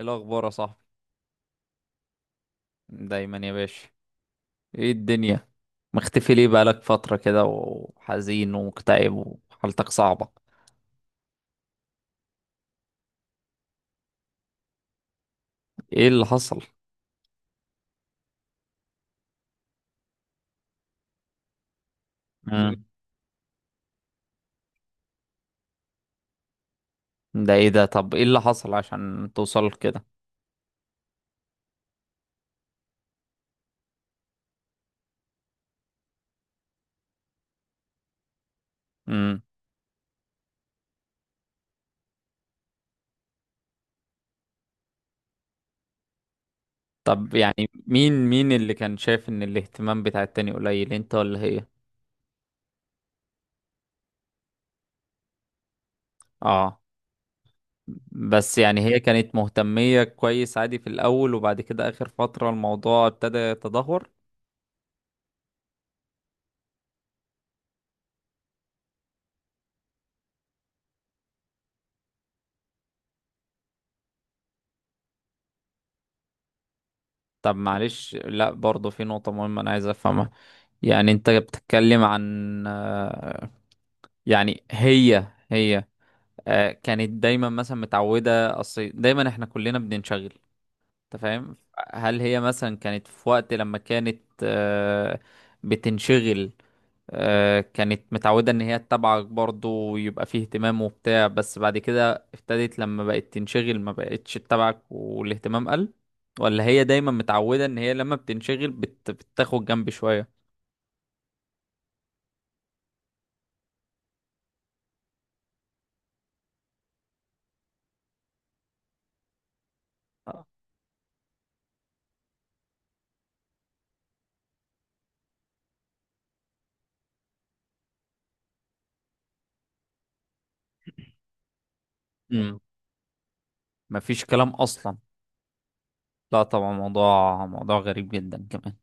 إيه الأخبار يا صاحبي؟ دايما يا باشا. ايه الدنيا؟ مختفي ليه بقالك فترة كده وحزين ومكتئب وحالتك صعبة؟ ايه اللي حصل؟ مم. ده ايه ده؟ طب ايه اللي حصل عشان توصل كده؟ مم. طب يعني مين اللي كان شايف ان الاهتمام بتاع التاني قليل، انت ولا هي؟ اه. بس يعني هي كانت مهتمية كويس عادي في الأول، وبعد كده آخر فترة الموضوع ابتدى يتدهور. طب معلش، لا برضه في نقطة مهمة أنا عايز أفهمها. يعني أنت بتتكلم عن يعني هي كانت دايما مثلا متعودة، أصل دايما إحنا كلنا بننشغل. أنت فاهم؟ هل هي مثلا كانت في وقت لما كانت بتنشغل، كانت متعودة ان هي تتابعك برضه ويبقى فيه اهتمام وبتاع، بس بعد كده ابتدت لما بقت تنشغل ما بقتش تتابعك والاهتمام قل؟ ولا هي دايما متعودة ان هي لما بتنشغل بتاخد جنب شوية؟ امم. مفيش كلام اصلا. لا طبعا، موضوع موضوع غريب جدا كمان.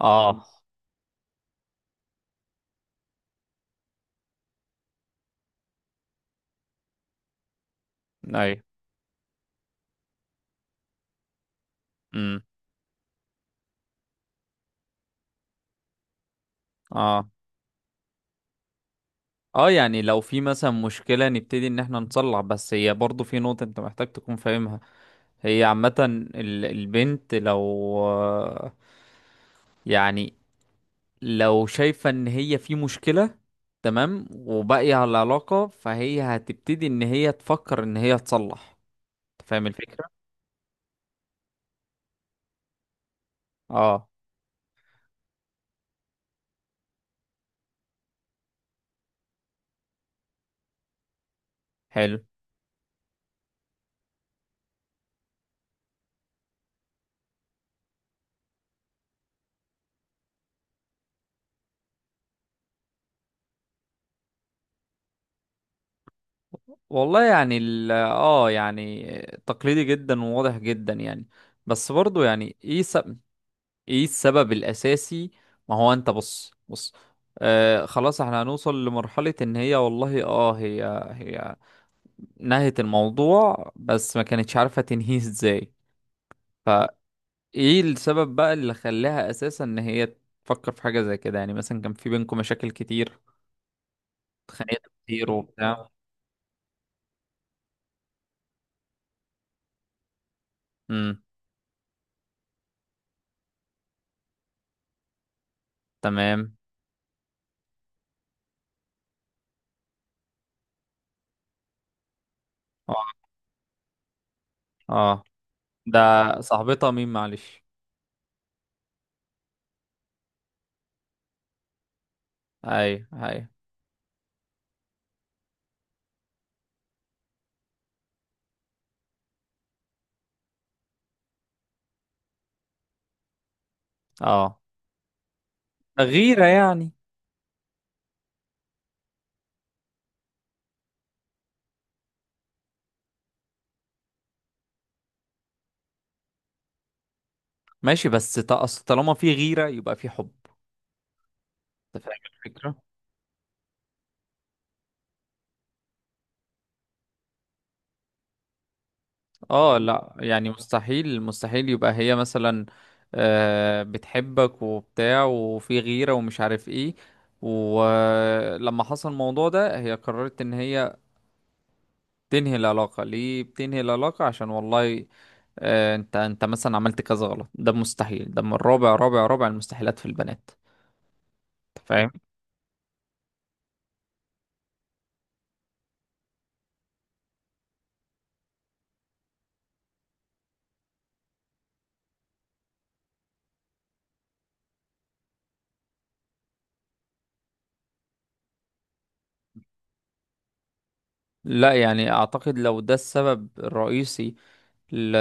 اه. ايوه. امم. اه. اه يعني لو في مثلا مشكلة نبتدي ان احنا نصلح، بس هي برضه في نقطة انت محتاج تكون فاهمها. هي عامة البنت لو يعني لو شايفة ان هي في مشكلة، تمام، وباقية على العلاقة، فهي هتبتدي ان هي تفكر ان هي تصلح. أنت فاهم الفكرة؟ اه. حلو. والله يعني ال يعني تقليدي جدا وواضح جدا يعني. بس برضو يعني ايه ايه السبب الاساسي؟ ما هو انت بص بص، آه خلاص احنا هنوصل لمرحلة ان هي والله هي نهت الموضوع بس ما كانتش عارفة تنهيه ازاي. فايه السبب بقى اللي خلاها اساسا ان هي تفكر في حاجة زي كده؟ يعني مثلا كان في بينكم مشاكل كتير؟ اتخانقت كتير وبتاع؟ امم. تمام. اه. اه. ده صاحبتها مين معلش؟ اي. اي. اه، غيرة يعني. ماشي، بس أصل طالما في غيرة يبقى في حب. انت فاهم الفكرة؟ اه لا يعني مستحيل مستحيل يبقى هي مثلا بتحبك وبتاع وفي غيرة ومش عارف ايه، ولما حصل الموضوع ده هي قررت ان هي تنهي العلاقة. ليه بتنهي العلاقة؟ عشان والله انت مثلا عملت كذا غلط؟ ده مستحيل، ده من رابع رابع رابع المستحيلات في البنات. أنت فاهم؟ لا يعني اعتقد لو ده السبب الرئيسي ل-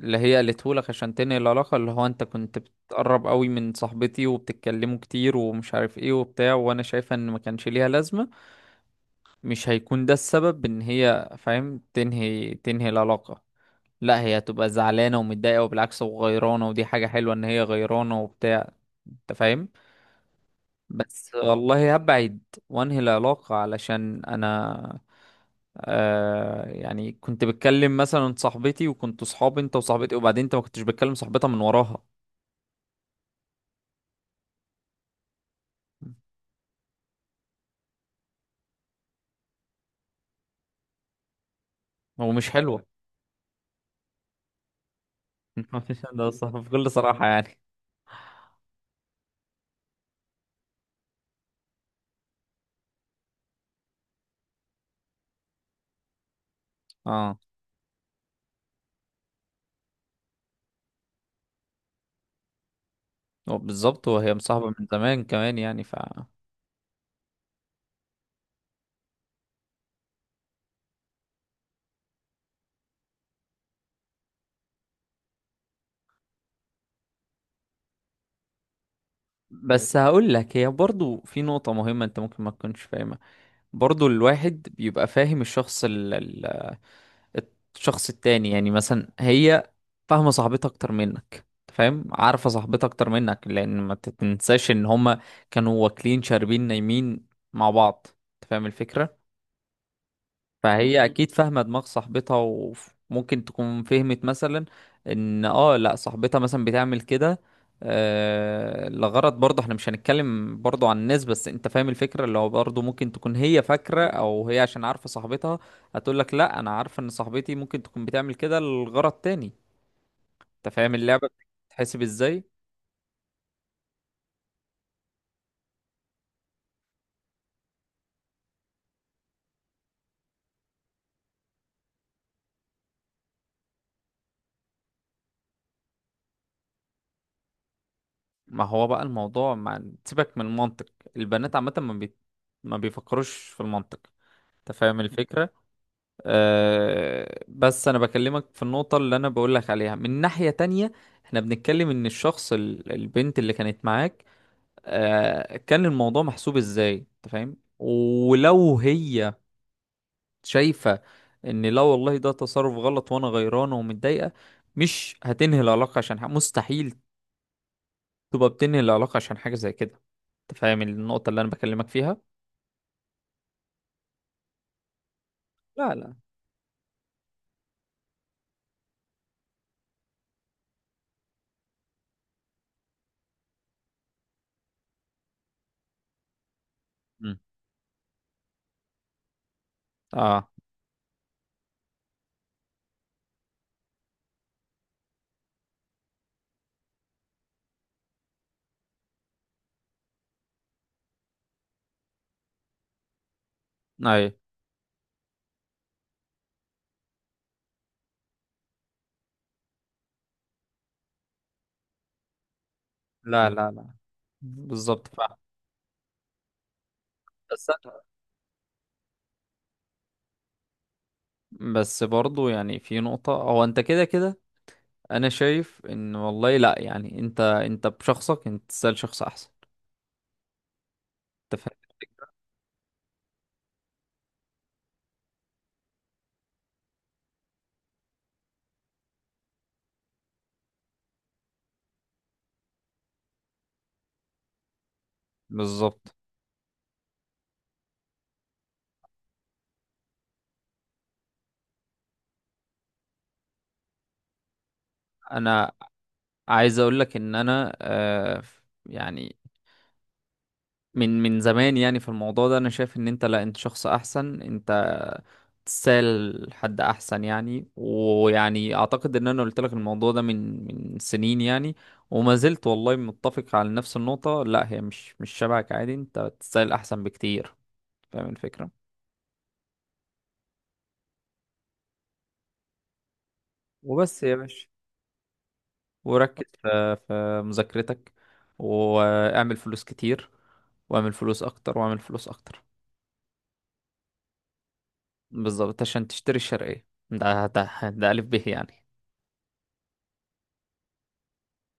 اللي هي قالته لك عشان تنهي العلاقة، اللي هو انت كنت بتقرب قوي من صاحبتي وبتتكلموا كتير ومش عارف ايه وبتاع، وانا شايفة ان ما كانش ليها لازمة، مش هيكون ده السبب ان هي فاهم تنهي العلاقة. لا، هي هتبقى زعلانة ومتضايقة، وبالعكس وغيرانة، ودي حاجة حلوة ان هي غيرانة وبتاع. انت فاهم؟ بس والله هبعد وانهي العلاقة علشان انا يعني كنت بتكلم مثلا صاحبتي، وكنت صحابي انت وصاحبتي، وبعدين انت ما كنتش بتكلم صاحبتها من وراها. هو مش حلوة؟ مفيش، ده صح بكل صراحة يعني. اه. هو بالظبط، وهي مصاحبة من زمان كمان يعني ف. بس هقول لك هي برضو في نقطة مهمة انت ممكن ما تكونش فاهمها. برضو الواحد بيبقى فاهم الشخص التاني، يعني مثلا هي فاهمة صاحبتها أكتر منك، أنت فاهم، عارفة صاحبتها أكتر منك، لأن ما تنساش إن هما كانوا واكلين شاربين نايمين مع بعض. أنت فاهم الفكرة؟ فهي اكيد فاهمه دماغ صاحبتها، وممكن تكون فهمت مثلا ان لا صاحبتها مثلا بتعمل كده لغرض، برضه احنا مش هنتكلم برضه عن الناس، بس انت فاهم الفكره، اللي هو برضه ممكن تكون هي فاكره او هي عشان عارفه صاحبتها هتقول لك لا انا عارفه ان صاحبتي ممكن تكون بتعمل كده لغرض تاني. انت فاهم اللعبه بتتحسب ازاي؟ ما هو بقى الموضوع ما سيبك من المنطق، البنات عامه ما بيفكروش في المنطق. انت فاهم الفكره؟ أه، بس انا بكلمك في النقطة اللي انا بقولك عليها من ناحية تانية. احنا بنتكلم ان الشخص البنت اللي كانت معاك، أه كان الموضوع محسوب ازاي، انت فاهم؟ ولو هي شايفة ان لا والله ده تصرف غلط وانا غيرانة ومتضايقة، مش هتنهي العلاقة عشان حاجة مستحيل، تبقى بتنهي العلاقة عشان حاجة زي كده. انت فاهم النقطة اللي انا بكلمك فيها؟ لا لا. مم. اه. اي. لا لا لا. بالظبط فاهم. بس بس برضو يعني في نقطة، هو انت كده كده انا شايف ان والله لا يعني انت بشخصك انت تسأل شخص احسن، انت فاهم؟ بالظبط. انا عايز اقول لك ان انا يعني من زمان يعني في الموضوع ده انا شايف ان انت لا انت شخص احسن انت تسأل حد احسن، يعني ويعني اعتقد ان انا قلت لك الموضوع ده من سنين يعني. وما زلت والله متفق على نفس النقطة، لا هي مش شبهك عادي انت تسأل احسن بكتير. فاهم الفكرة؟ وبس يا باشا، وركز في مذاكرتك، واعمل فلوس كتير، واعمل فلوس اكتر واعمل فلوس اكتر. بالظبط، عشان تشتري الشرقية ده ألف به يعني.